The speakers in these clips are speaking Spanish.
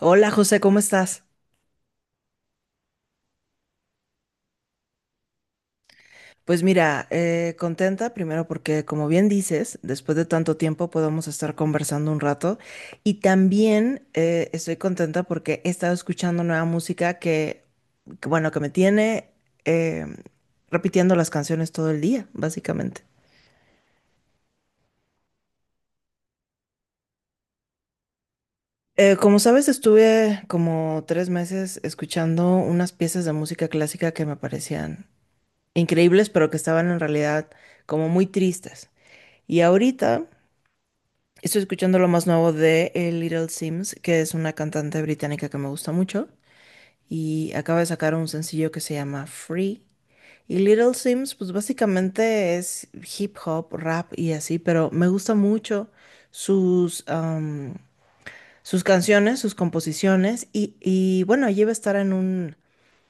Hola José, ¿cómo estás? Pues mira, contenta primero porque como bien dices, después de tanto tiempo podemos estar conversando un rato y también estoy contenta porque he estado escuchando nueva música bueno, que me tiene eh, repitiendo las canciones todo el día, básicamente. Como sabes, estuve como tres meses escuchando unas piezas de música clásica que me parecían increíbles, pero que estaban en realidad como muy tristes. Y ahorita, estoy escuchando lo más nuevo de Little Sims, que es una cantante británica que me gusta mucho. Y acaba de sacar un sencillo que se llama Free. Y Little Sims pues básicamente es hip hop, rap y así, pero me gusta mucho sus, am, sus canciones, sus composiciones. Y bueno, ella va a estar en un,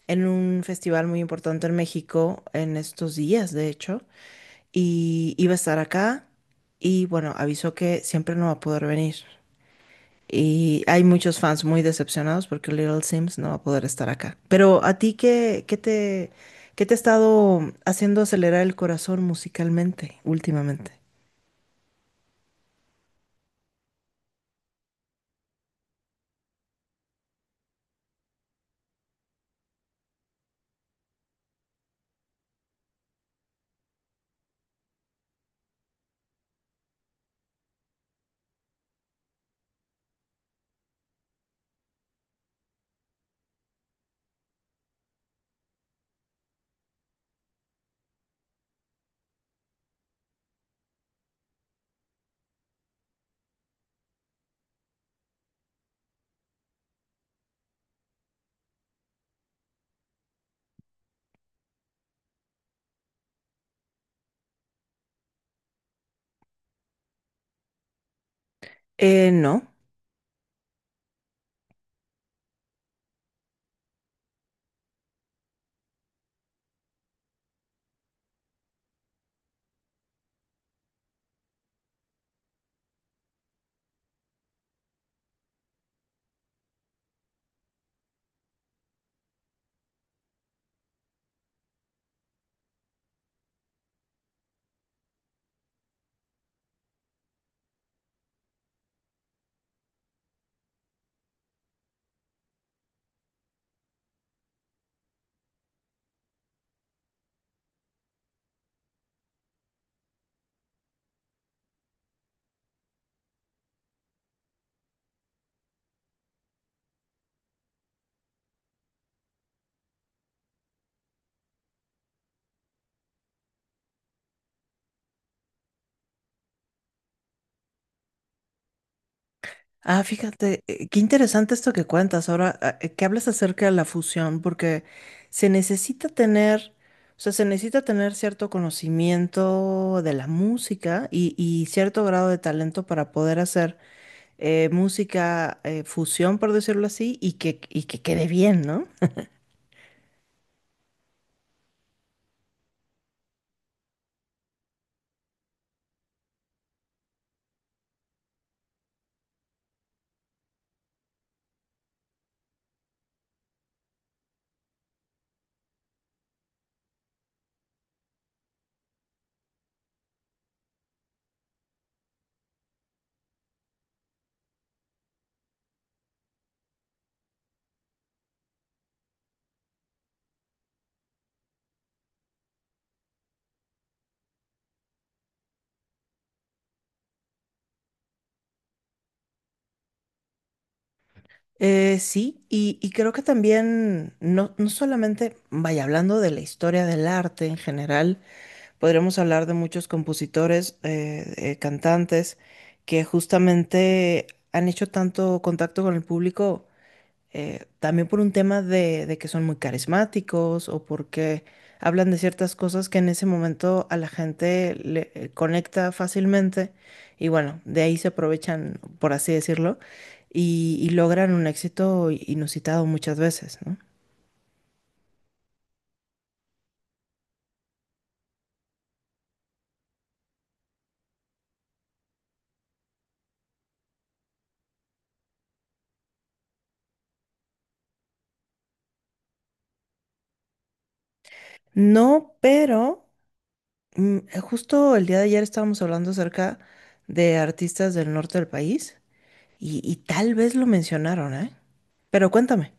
en un festival muy importante en México en estos días, de hecho. Y iba a estar acá. Y bueno, avisó que siempre no va a poder venir. Y hay muchos fans muy decepcionados porque Little Sims no va a poder estar acá. Pero a ti, ¿qué te ha estado haciendo acelerar el corazón musicalmente últimamente? No. Ah, fíjate, qué interesante esto que cuentas ahora, que hablas acerca de la fusión, porque se necesita tener, o sea, se necesita tener cierto conocimiento de la música y cierto grado de talento para poder hacer música fusión, por decirlo así, y que quede bien, ¿no? Sí, y creo que también, no, no solamente, vaya, hablando de la historia del arte en general, podríamos hablar de muchos compositores, cantantes, que justamente han hecho tanto contacto con el público, también por un tema de que son muy carismáticos o porque hablan de ciertas cosas que en ese momento a la gente le conecta fácilmente y bueno, de ahí se aprovechan, por así decirlo, y logran un éxito inusitado muchas veces, ¿no? No, pero mm, justo el día de ayer estábamos hablando acerca de artistas del norte del país y tal vez lo mencionaron, ¿eh? Pero cuéntame,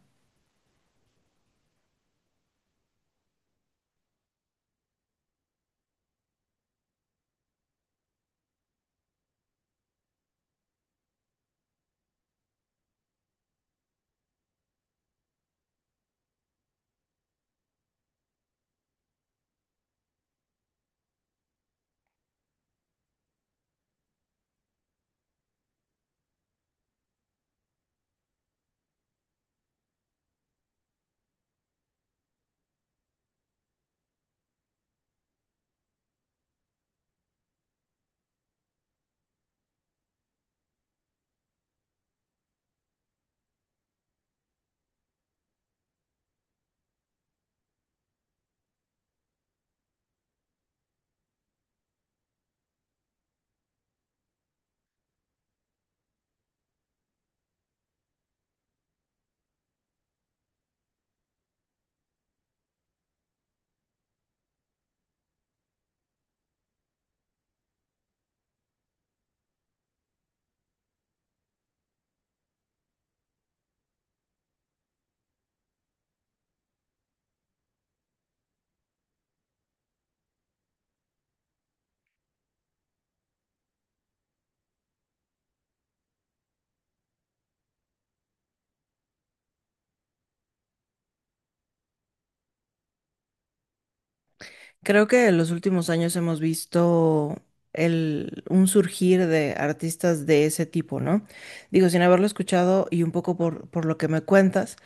creo que en los últimos años hemos visto un surgir de artistas de ese tipo, ¿no? Digo, sin haberlo escuchado y un poco por lo que me cuentas.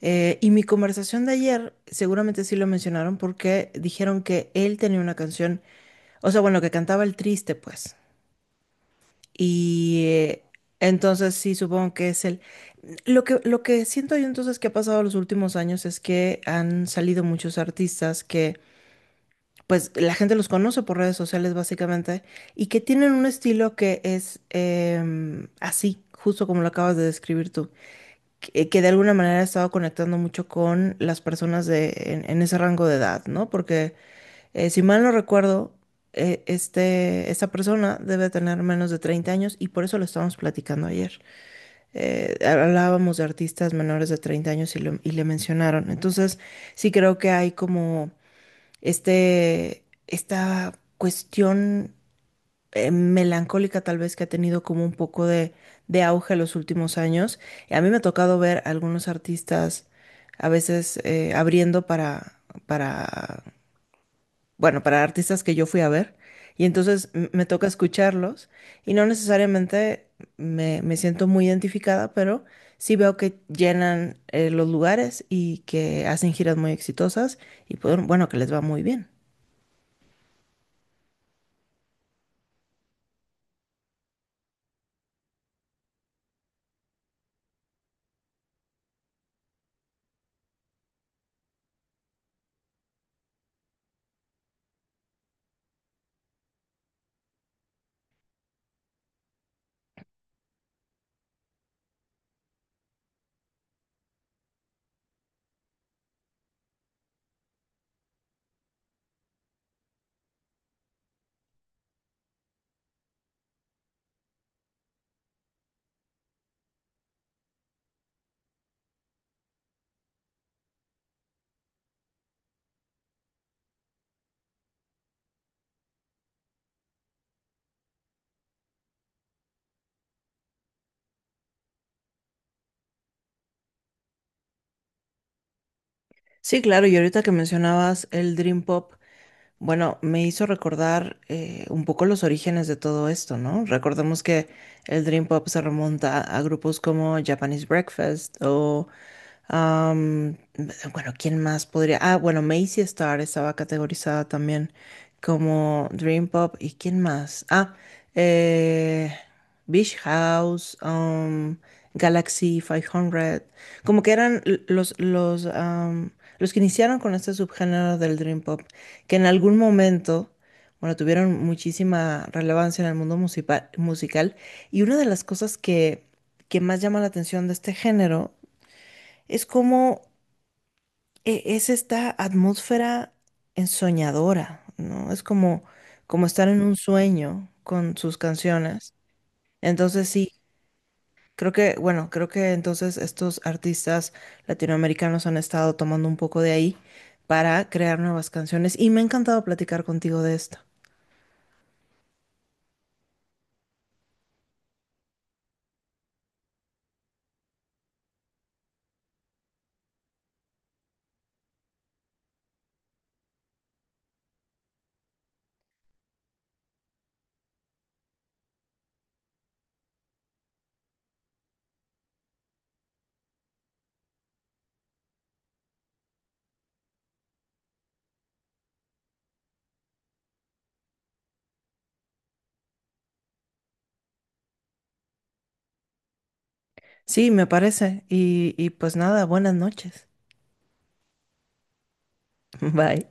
Y mi conversación de ayer seguramente sí lo mencionaron porque dijeron que él tenía una canción, o sea, bueno, que cantaba el triste, pues. Y entonces sí, supongo que es el... Lo que siento yo entonces que ha pasado los últimos años es que han salido muchos artistas que pues la gente los conoce por redes sociales básicamente y que tienen un estilo que es así, justo como lo acabas de describir tú, que de alguna manera ha estado conectando mucho con las personas en ese rango de edad, ¿no? Porque si mal no recuerdo, esta persona debe tener menos de 30 años y por eso lo estábamos platicando ayer. Hablábamos de artistas menores de 30 años y, y le mencionaron. Entonces, sí creo que hay como esta cuestión melancólica tal vez que ha tenido como un poco de auge en los últimos años. Y a mí me ha tocado ver a algunos artistas a veces abriendo para bueno, para artistas que yo fui a ver, y entonces me toca escucharlos y no necesariamente me siento muy identificada, pero sí veo que llenan los lugares y que hacen giras muy exitosas y pues, bueno, que les va muy bien. Sí, claro, y ahorita que mencionabas el Dream Pop, bueno, me hizo recordar un poco los orígenes de todo esto, ¿no? Recordemos que el Dream Pop se remonta a grupos como Japanese Breakfast o Am, bueno, ¿quién más podría? Ah, bueno, Macy Star estaba categorizada también como Dream Pop. ¿Y quién más? Eh, Beach House, Galaxy 500. Como que eran los que iniciaron con este subgénero del Dream Pop, que en algún momento, bueno, tuvieron muchísima relevancia en el mundo musical. Y una de las cosas que más llama la atención de este género es como, es esta atmósfera ensoñadora, ¿no? Es como, como estar en un sueño con sus canciones. Entonces sí, creo que, bueno, creo que entonces estos artistas latinoamericanos han estado tomando un poco de ahí para crear nuevas canciones y me ha encantado platicar contigo de esto. Sí, me parece. Y pues nada, buenas noches. Bye.